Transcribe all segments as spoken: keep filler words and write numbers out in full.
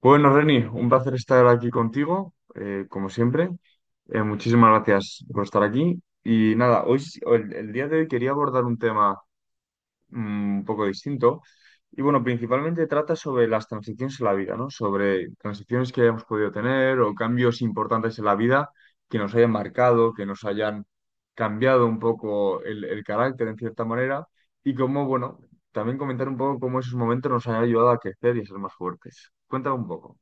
Bueno, Reni, un placer estar aquí contigo, eh, como siempre. Eh, muchísimas gracias por estar aquí. Y nada, hoy, sí- el, el día de hoy quería abordar un tema mm, un poco distinto. Y bueno, principalmente trata sobre las transiciones en la vida, ¿no? Sobre transiciones que hayamos podido tener o cambios importantes en la vida que nos hayan marcado, que nos hayan cambiado un poco el, el carácter en cierta manera. Y cómo, bueno, también comentar un poco cómo esos momentos nos han ayudado a crecer y a ser más fuertes. Cuéntame un poco.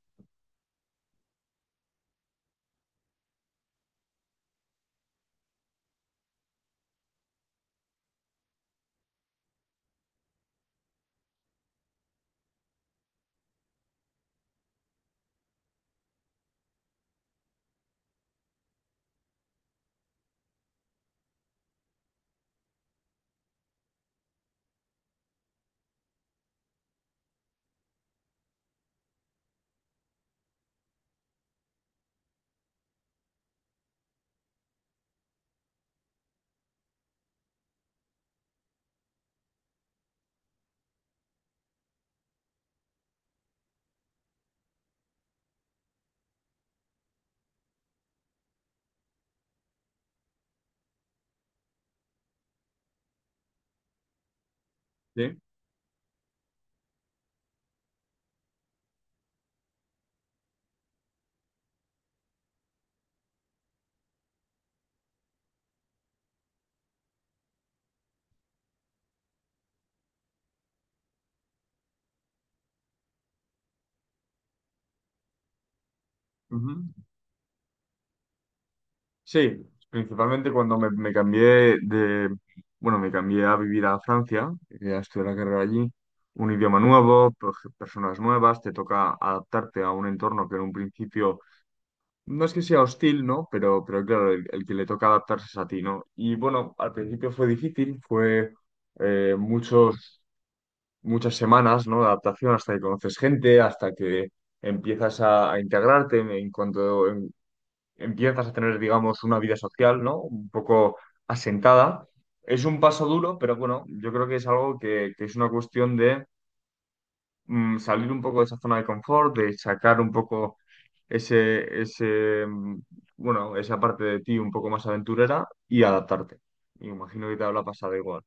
Sí, ujú. Sí, principalmente cuando me, me cambié de, bueno, me cambié a vivir a Francia, eh, a estudiar la carrera allí, un idioma nuevo, per- personas nuevas, te toca adaptarte a un entorno que en un principio no es que sea hostil, ¿no? Pero, pero claro, el, el que le toca adaptarse es a ti, ¿no? Y bueno, al principio fue difícil, fue eh, muchos, muchas semanas, ¿no? De adaptación hasta que conoces gente, hasta que empiezas a, a integrarte en, en cuanto, empiezas a tener, digamos, una vida social, ¿no? Un poco asentada. Es un paso duro, pero bueno, yo creo que es algo que, que es una cuestión de mm, salir un poco de esa zona de confort, de sacar un poco ese, ese, mm, bueno, esa parte de ti un poco más aventurera y adaptarte. Y imagino que te habla pasado igual.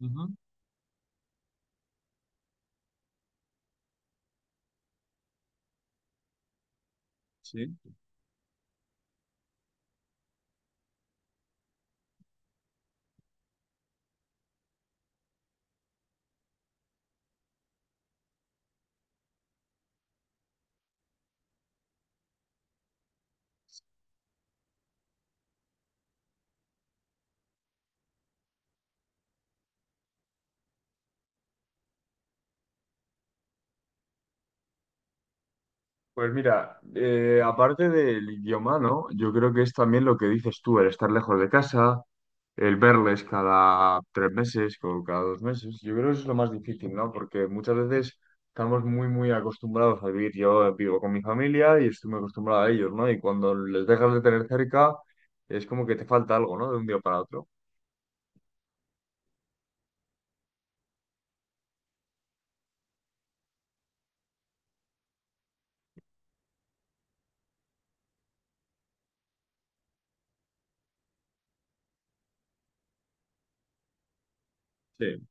Ujú, sí. Pues mira, eh, aparte del idioma, ¿no? Yo creo que es también lo que dices tú, el estar lejos de casa, el verles cada tres meses o cada dos meses. Yo creo que eso es lo más difícil, ¿no? Porque muchas veces estamos muy, muy acostumbrados a vivir. Yo vivo con mi familia y estoy muy acostumbrado a ellos, ¿no? Y cuando les dejas de tener cerca, es como que te falta algo, ¿no? De un día para otro. Sí,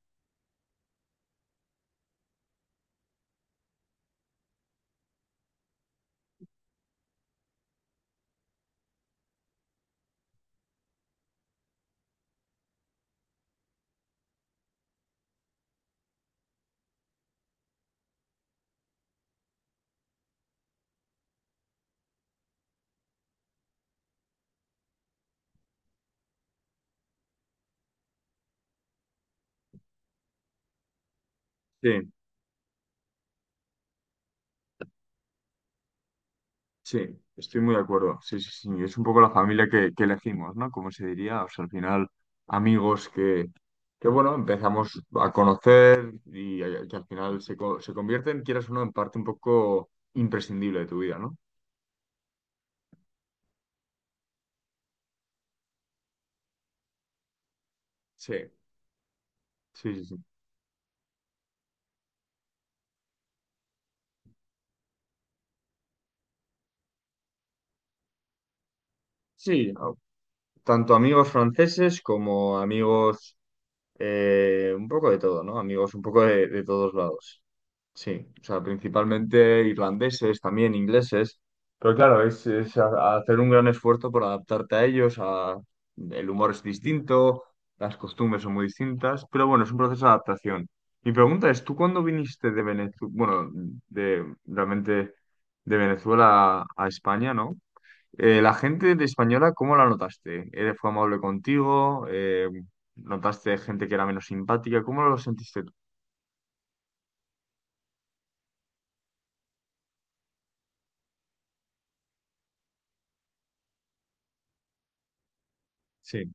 sí. Sí, estoy muy de acuerdo. Sí, sí, sí. Es un poco la familia que, que elegimos, ¿no? Como se diría, o sea, al final, amigos que, que bueno, empezamos a conocer y a- que al final se, co- se convierten, quieras o no, en parte un poco imprescindible de tu vida, ¿no? Sí, sí, sí, sí. Sí, a- tanto amigos franceses como amigos eh, un poco de todo, ¿no? Amigos un poco de, de todos lados. Sí, o sea, principalmente irlandeses, también ingleses, pero claro, es, es a- a hacer un gran esfuerzo por adaptarte a ellos, a- el humor es distinto, las costumbres son muy distintas, pero bueno, es un proceso de adaptación. Mi pregunta es, ¿tú cuándo viniste de Venezuela, bueno, de, realmente de Venezuela a España, ¿no? Eh, la gente de española, ¿cómo la notaste? ¿Eres- ¿Fue amable contigo? Eh, ¿notaste gente que era menos simpática? ¿Cómo lo sentiste tú? Sí.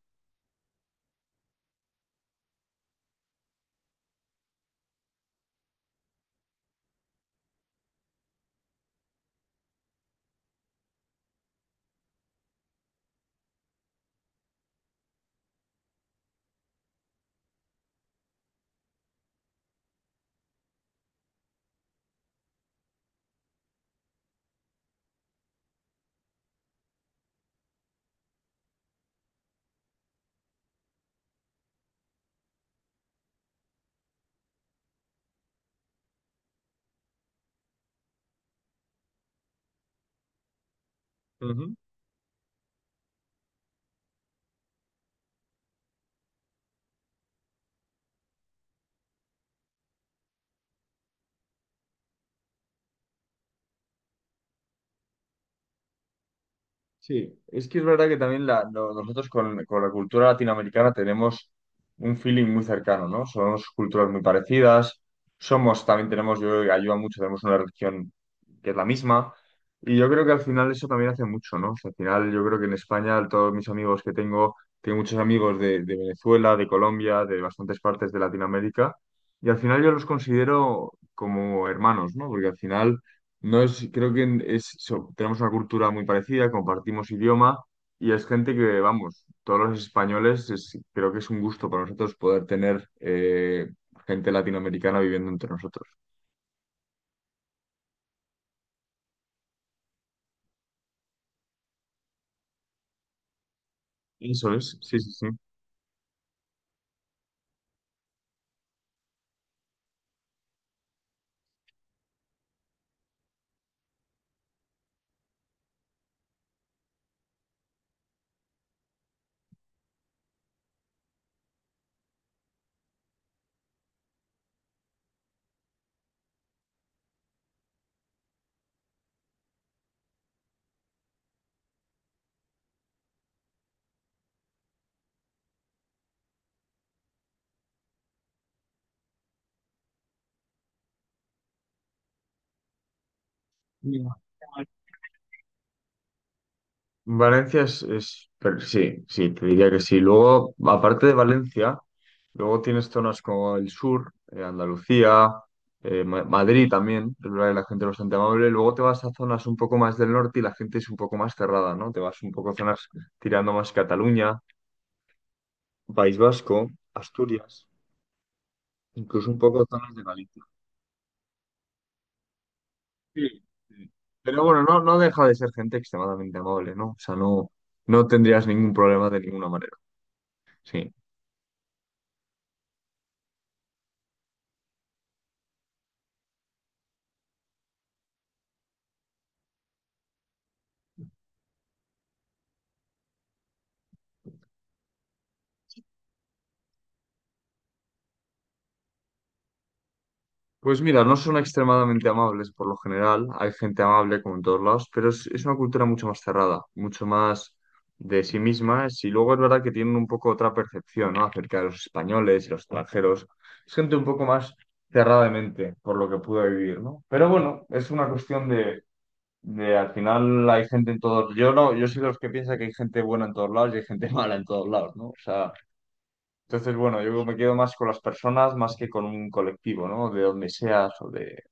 Sí, es que es verdad que también la- no- nosotros con, con la cultura latinoamericana tenemos un feeling muy cercano, ¿no? Somos culturas muy parecidas, somos, también tenemos, yo creo que ayuda mucho, tenemos una religión que es la misma, y yo creo que al final eso también hace mucho, ¿no? O sea, al final yo creo que en España todos mis amigos que tengo, tengo muchos amigos de, de Venezuela, de Colombia, de bastantes partes de Latinoamérica, y al final yo los considero como hermanos, ¿no? Porque al final… No es, creo que en- es, so- tenemos una cultura muy parecida, compartimos idioma y es gente que, vamos, todos los españoles, es- creo que es un gusto para nosotros poder tener eh, gente latinoamericana viviendo entre nosotros. Eso es, sí, sí, sí. Mira. Valencia es, es- pero sí, sí, te diría que sí. Luego, aparte de Valencia, luego tienes zonas como el sur, eh, Andalucía, eh, Ma- Madrid también, es verdad que la gente es bastante amable. Luego te vas a zonas un poco más del norte y la gente es un poco más cerrada, ¿no? Te vas un poco a zonas tirando más Cataluña, País Vasco, Asturias, incluso un poco zonas de Galicia. Sí, sí. Pero bueno, no, no deja de ser gente extremadamente amable, ¿no? O sea, no, no tendrías ningún problema de ninguna manera. Sí. Pues mira, no son extremadamente amables por lo general, hay gente amable como en todos lados, pero es, es una cultura mucho más cerrada, mucho más de sí misma, y luego es verdad que tienen un poco otra percepción, ¿no? acerca de los españoles y los extranjeros, es gente un poco más cerrada de mente por lo que pude vivir, ¿no? Pero bueno, es una cuestión de, de al final hay gente en todos, yo no, yo soy de los que piensa que hay gente buena en todos lados y hay gente mala en todos lados, ¿no? O sea, entonces bueno, yo me quedo más con las personas más que con un colectivo, ¿no? De donde seas o de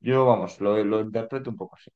yo, vamos, lo, lo interpreto un poco así.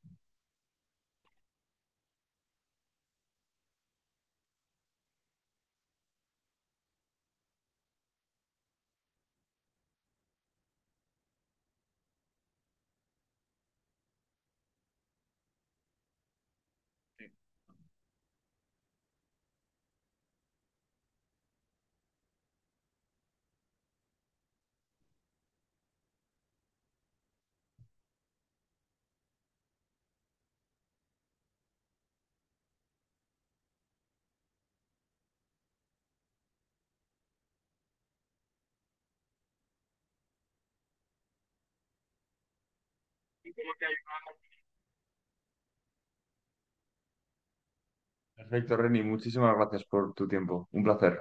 Perfecto, Reni, muchísimas gracias por tu tiempo. Un placer.